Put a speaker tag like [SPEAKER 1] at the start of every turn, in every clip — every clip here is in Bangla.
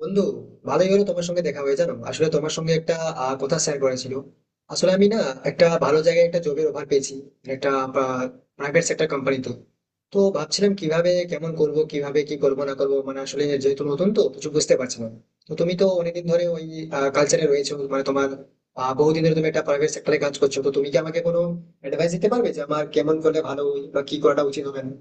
[SPEAKER 1] বন্ধু, ভালোই হলো তোমার সঙ্গে দেখা হয়ে। জানো, আসলে তোমার সঙ্গে একটা কথা শেয়ার করেছিল। আসলে আমি না একটা ভালো জায়গায় একটা জবের অফার পেয়েছি, একটা প্রাইভেট সেক্টর কোম্পানিতে। তো ভাবছিলাম কিভাবে কেমন করব, কিভাবে কি করবো না করবো, মানে আসলে যেহেতু নতুন তো কিছু বুঝতে পারছি না। তো তুমি তো অনেকদিন ধরে ওই কালচারে রয়েছো, মানে তোমার বহুদিন ধরে তুমি একটা প্রাইভেট সেক্টরে কাজ করছো। তো তুমি কি আমাকে কোনো অ্যাডভাইস দিতে পারবে যে আমার কেমন করলে ভালো হয় বা কি করাটা উচিত হবে না?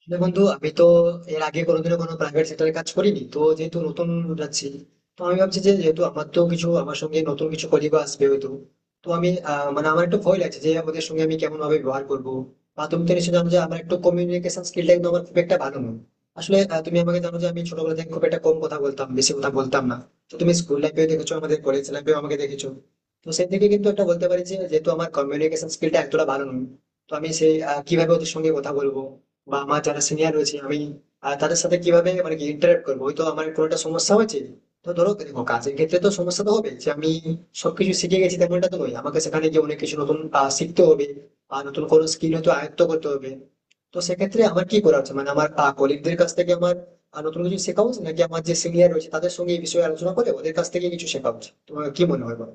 [SPEAKER 1] আসলে বন্ধু, আমি তো এর আগে কোনোদিনও কোনো প্রাইভেট সেক্টরে কাজ করিনি, তো যেহেতু নতুন যাচ্ছি। তো আমি ভাবছি যে যেহেতু আমার তো কিছু আমার সঙ্গে নতুন কিছু কলিগ আসবে হয়তো, তো আমি মানে আমার একটু ভয় লাগছে যে ওদের সঙ্গে আমি কেমন ভাবে ব্যবহার করবো। বা তুমি তো নিশ্চয়ই জানো যে আমার একটু কমিউনিকেশন স্কিলটা কিন্তু আমার খুব একটা ভালো নয়। আসলে তুমি আমাকে জানো যে আমি ছোটবেলা থেকে খুব একটা কম কথা বলতাম, বেশি কথা বলতাম না। তো তুমি স্কুল লাইফেও দেখেছো, আমাদের কলেজ লাইফেও আমাকে দেখেছো। তো সেই থেকে কিন্তু একটা বলতে পারি যে যেহেতু আমার কমিউনিকেশন স্কিলটা এতটা ভালো নয়, তো আমি সেই কিভাবে ওদের সঙ্গে কথা বলবো, বা আমার যারা সিনিয়র রয়েছে আমি তাদের সাথে কিভাবে মানে কি ইন্টারেক্ট করবো, ওই তো আমার কোনো একটা সমস্যা হয়েছে। তো ধরো দেখো, কাজের ক্ষেত্রে তো সমস্যা তো হবে। যে আমি সবকিছু শিখে গেছি তেমনটা তো নয়, আমাকে সেখানে গিয়ে অনেক কিছু নতুন শিখতে হবে, আর নতুন কোনো স্কিল হয়তো আয়ত্ত করতে হবে। তো সেক্ষেত্রে আমার কি করা উচিত? মানে আমার কলিগদের কাছ থেকে আমার নতুন কিছু শেখা উচিত, নাকি আমার যে সিনিয়র রয়েছে তাদের সঙ্গে এই বিষয়ে আলোচনা করে ওদের কাছ থেকে কিছু শেখা উচিত? তোমার কি মনে হয় বলো?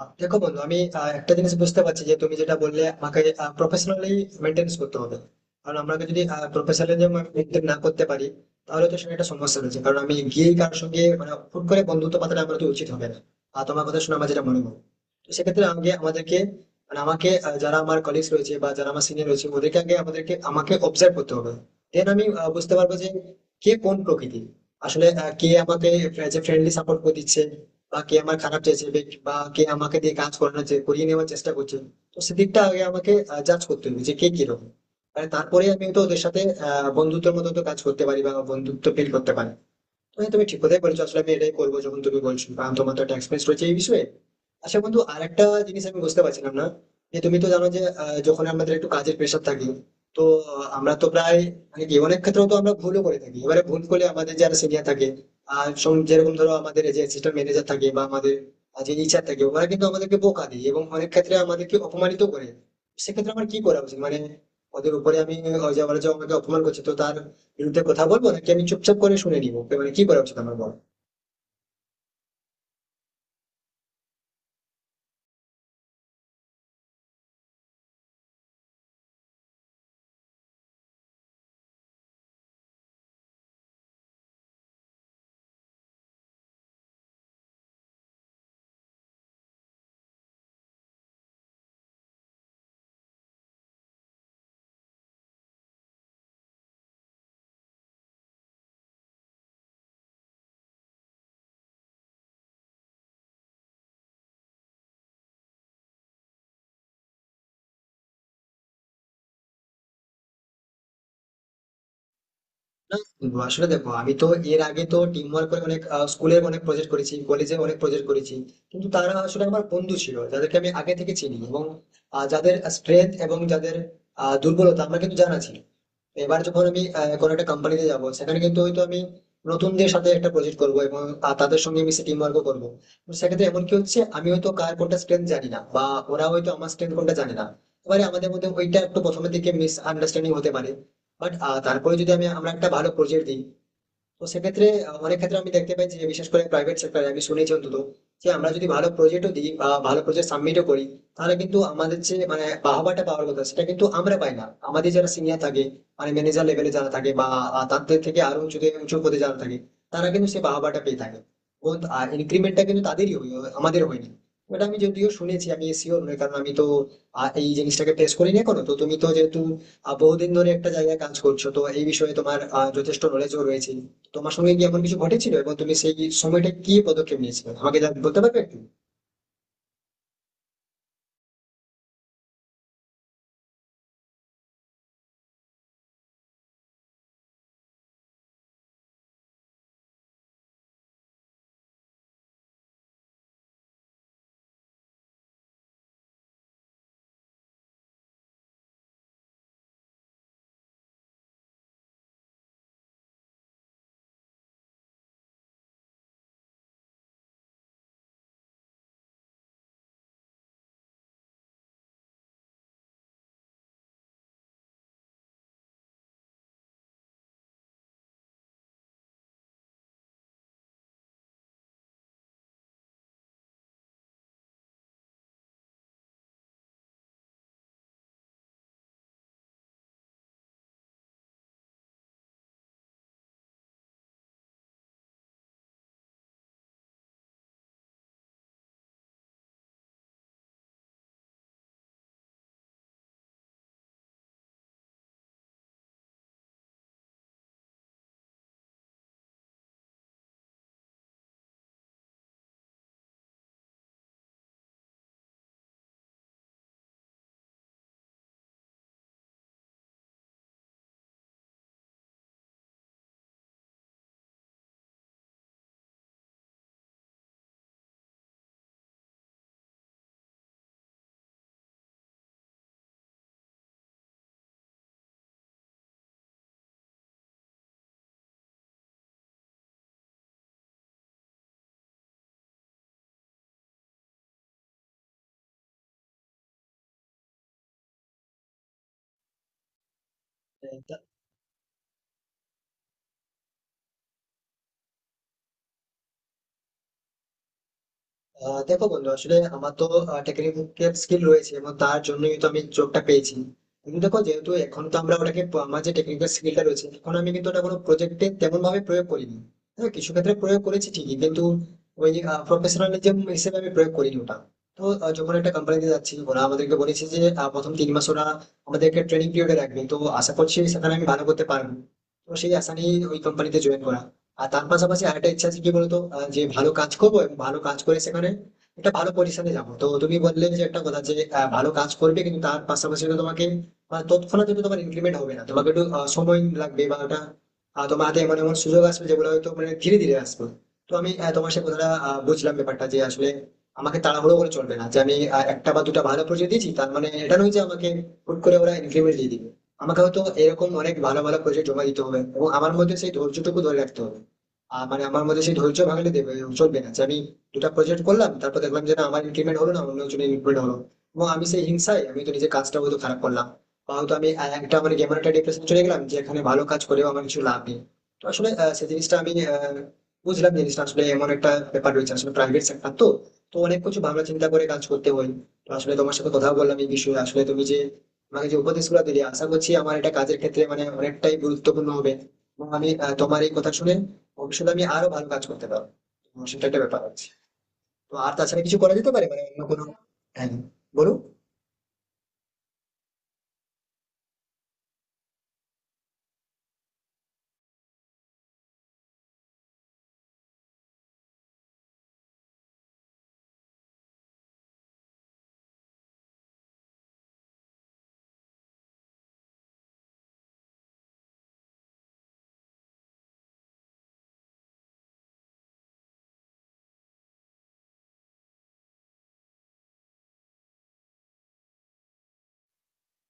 [SPEAKER 1] দেখো বন্ধু, আমি একটা জিনিস বুঝতে পারছি যে তুমি যেটা বললে আমাকে প্রফেশনালি মেনটেন করতে হবে। কারণ আমরা যদি প্রফেশনালি মেনটেন না করতে পারি তাহলে তো সেটা একটা সমস্যা রয়েছে। কারণ আমি গিয়ে কারোর সঙ্গে মানে হুট করে বন্ধুত্ব পাতাটা আমার তো উচিত হবে না। আর তোমার কথা শুনে আমার যেটা মনে হয়, তো সেক্ষেত্রে আগে আমাদেরকে, মানে আমাকে, যারা আমার কলিগস রয়েছে বা যারা আমার সিনিয়র রয়েছে ওদেরকে আগে আমাদেরকে আমাকে অবজার্ভ করতে হবে। দেন আমি বুঝতে পারবো যে কে কোন প্রকৃতি, আসলে কে আমাকে যে ফ্রেন্ডলি সাপোর্ট করে দিচ্ছে, বা কে আমার খারাপ চাইছে, বা কে আমাকে দিয়ে কাজ করানোর করিয়ে নেওয়ার চেষ্টা করছে। তো সেদিকটা আগে আমাকে জাজ করতে হবে যে কে কিরকম। মানে তারপরে আমি তো ওদের সাথে বন্ধুত্বের মতো তো কাজ করতে পারি, বা বন্ধুত্ব ফিল করতে পারি। হ্যাঁ, তুমি ঠিক কথাই বলেছো। আসলে আমি এটাই করবো যখন তুমি বলছো, কারণ তোমার তো একটা experience রয়েছে এই বিষয়ে। আচ্ছা বন্ধু, আর একটা জিনিস আমি বুঝতে পারছিলাম না। যে তুমি তো জানো যে যখন আমাদের একটু কাজের প্রেশার থাকে, তো আমরা তো প্রায় মানে কি অনেক ক্ষেত্রে তো আমরা ভুলও করে থাকি। এবারে ভুল করলে আমাদের যারা সিনিয়র থাকে, আর যেরকম ধরো আমাদের যে অ্যাসিস্ট্যান্ট ম্যানেজার থাকে বা আমাদের যে ইচ্ছা থাকে, ওরা কিন্তু আমাদেরকে বোকা দেয় এবং অনেক ক্ষেত্রে আমাদেরকে অপমানিত করে। সেক্ষেত্রে আমার কি করা উচিত? মানে ওদের উপরে আমি, ওই যে ওরা যে আমাকে অপমান করছে তো তার বিরুদ্ধে কথা বলবো, নাকি আমি চুপচাপ করে শুনে নিবো? ওকে মানে কি করা উচিত আমার বলো? না বন্ধু, আসলে দেখো আমি তো এর আগে তো টিম ওয়ার্ক করে অনেক, স্কুলে অনেক প্রজেক্ট করেছি, কলেজে অনেক প্রজেক্ট করেছি। কিন্তু তারা আসলে আমার বন্ধু ছিল যাদেরকে আমি আগে থেকে চিনি, এবং যাদের স্ট্রেংথ এবং যাদের দুর্বলতা আমার কিন্তু জানা ছিল। এবার যখন আমি কোনো একটা কোম্পানিতে যাব, সেখানে কিন্তু হয়তো আমি নতুনদের সাথে একটা প্রজেক্ট করব এবং তাদের সঙ্গে মিশে টিম ওয়ার্কও করবো। তো সেক্ষেত্রে এমন কি হচ্ছে, আমি হয়তো কার কোনটা স্ট্রেংথ জানি না, বা ওরা হয়তো আমার স্ট্রেংথ কোনটা জানে না। এবারে আমাদের মধ্যে ওইটা একটু প্রথমের দিকে মিস আন্ডারস্ট্যান্ডিং হতে পারে। বাট তারপরে যদি আমরা একটা ভালো প্রজেক্ট দিই, তো সেক্ষেত্রে অনেক ক্ষেত্রে আমি দেখতে পাই যে বিশেষ করে প্রাইভেট সেক্টরে আমি শুনেছি অন্তত, যে আমরা যদি ভালো প্রজেক্টও দিই বা ভালো প্রজেক্ট সাবমিটও করি, তাহলে কিন্তু আমাদের যে মানে বাহবাটা পাওয়ার কথা সেটা কিন্তু আমরা পাই না। আমাদের যারা সিনিয়র থাকে, মানে ম্যানেজার লেভেলে যারা থাকে, বা তাদের থেকে আরো উঁচু উঁচু পদে যারা থাকে, তারা কিন্তু সে বাহবাটা পেয়ে থাকে, এবং ইনক্রিমেন্টটা কিন্তু তাদেরই হয়, আমাদের হয়নি। ওটা আমি যদিও শুনেছি, আমি শিওর নই, কারণ আমি তো এই জিনিসটাকে ফেস করি না এখনো। তো তুমি তো যেহেতু বহুদিন ধরে একটা জায়গায় কাজ করছো, তো এই বিষয়ে তোমার যথেষ্ট নলেজও রয়েছে। তোমার সঙ্গে কি এমন কিছু ঘটেছিল, এবং তুমি সেই সময়টা কি পদক্ষেপ নিয়েছিলে আমাকে বলতে পারবে একটু? হ্যাঁ। দেখো বন্ধু, আসলে আমার তো টেকনিক্যাল স্কিল রয়েছে এবং তার জন্যই তো আমি জবটা পেয়েছি। কিন্তু দেখো যেহেতু এখন তো আমরা আমার যে টেকনিক্যাল স্কিলটা রয়েছে এখন আমি কিন্তু ওটা কোনো প্রজেক্টে তেমন ভাবে প্রয়োগ করিনি। হ্যাঁ, কিছু ক্ষেত্রে প্রয়োগ করেছি ঠিকই, কিন্তু ওই প্রফেশনালিজম হিসেবে আমি প্রয়োগ করিনি ওটা। তো যখন একটা কোম্পানিতে যাচ্ছি, ওরা আমাদেরকে বলেছে যে প্রথম 3 মাস ওরা আমাদেরকে ট্রেনিং পিরিয়ডে রাখবে, তো আশা করছি সেখানে আমি ভালো করতে পারবো। তো সেই আশা নিয়ে ওই কোম্পানিতে জয়েন করা। আর তার পাশাপাশি আরেকটা ইচ্ছা আছে কি বলতো, যে ভালো কাজ করবো এবং ভালো কাজ করে সেখানে একটা ভালো পজিশনে যাবো। তো তুমি বললে যে একটা কথা যে ভালো কাজ করবে কিন্তু তার পাশাপাশি তো তোমাকে তৎক্ষণাৎ কিন্তু তোমার ইমপ্লিমেন্ট হবে না, তোমাকে একটু সময় লাগবে, বা ওটা তোমার হাতে এমন এমন সুযোগ আসবে যেগুলো হয়তো মানে ধীরে ধীরে আসবে। তো আমি তোমার সে কথাটা বুঝলাম ব্যাপারটা যে আসলে আমাকে তাড়াহুড়ো করে চলবে না। যে আমি একটা বা দুটা ভালো প্রজেক্ট দিয়েছি তার মানে এটা নয় যে আমাকে হুট করে ওরা ইনক্রিমেন্ট দিয়ে দিবে। আমাকে হয়তো এরকম অনেক ভালো ভালো প্রজেক্ট জমা দিতে হবে, এবং আমার মধ্যে সেই ধৈর্যটুকু ধরে রাখতে হবে। মানে আমার মধ্যে সেই ধৈর্য ভাঙলে দেবে চলবে না। যে আমি দুটা প্রজেক্ট করলাম তারপর দেখলাম যে না আমার ইমপ্লিমেন্ট হলো না, অন্য জনের ইমপ্লিমেন্ট হলো, এবং আমি সেই হিংসায় আমি তো নিজের কাজটা হয়তো খারাপ করলাম। বা হয়তো আমি একটা মানে এমন একটা ডিপ্রেশন চলে গেলাম যে এখানে ভালো কাজ করেও আমার কিছু লাভ নেই। তো আসলে সেই জিনিসটা আমি বুঝলাম যে জিনিসটা আসলে এমন একটা ব্যাপার রয়েছে, আসলে প্রাইভেট সেক্টর তো, অনেক কিছু ভাবনা চিন্তা করে কাজ করতে হয়। তো আসলে তোমার সাথে কথা বললাম এই বিষয়ে, আসলে তুমি যে আমাকে যে উপদেশগুলো দিলে আশা করছি আমার এটা কাজের ক্ষেত্রে মানে অনেকটাই গুরুত্বপূর্ণ হবে। এবং আমি তোমার এই কথা শুনে ভবিষ্যতে আমি আরো ভালো কাজ করতে পারবো, আমার সেটা একটা ব্যাপার আছে। তো আর তাছাড়া কিছু করা যেতে পারে মানে অন্য কোনো? হ্যাঁ, বলো।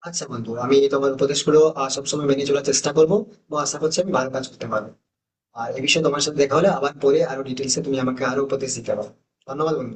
[SPEAKER 1] আচ্ছা বন্ধু, আমি তোমার উপদেশগুলো সবসময় মেনে চলার চেষ্টা করবো, এবং আশা করছি আমি ভালো কাজ করতে পারবো। আর এ বিষয়ে তোমার সাথে দেখা হলে আবার পরে আরো ডিটেলসে তুমি আমাকে আরো উপদেশ দিতে পারো। ধন্যবাদ বন্ধু।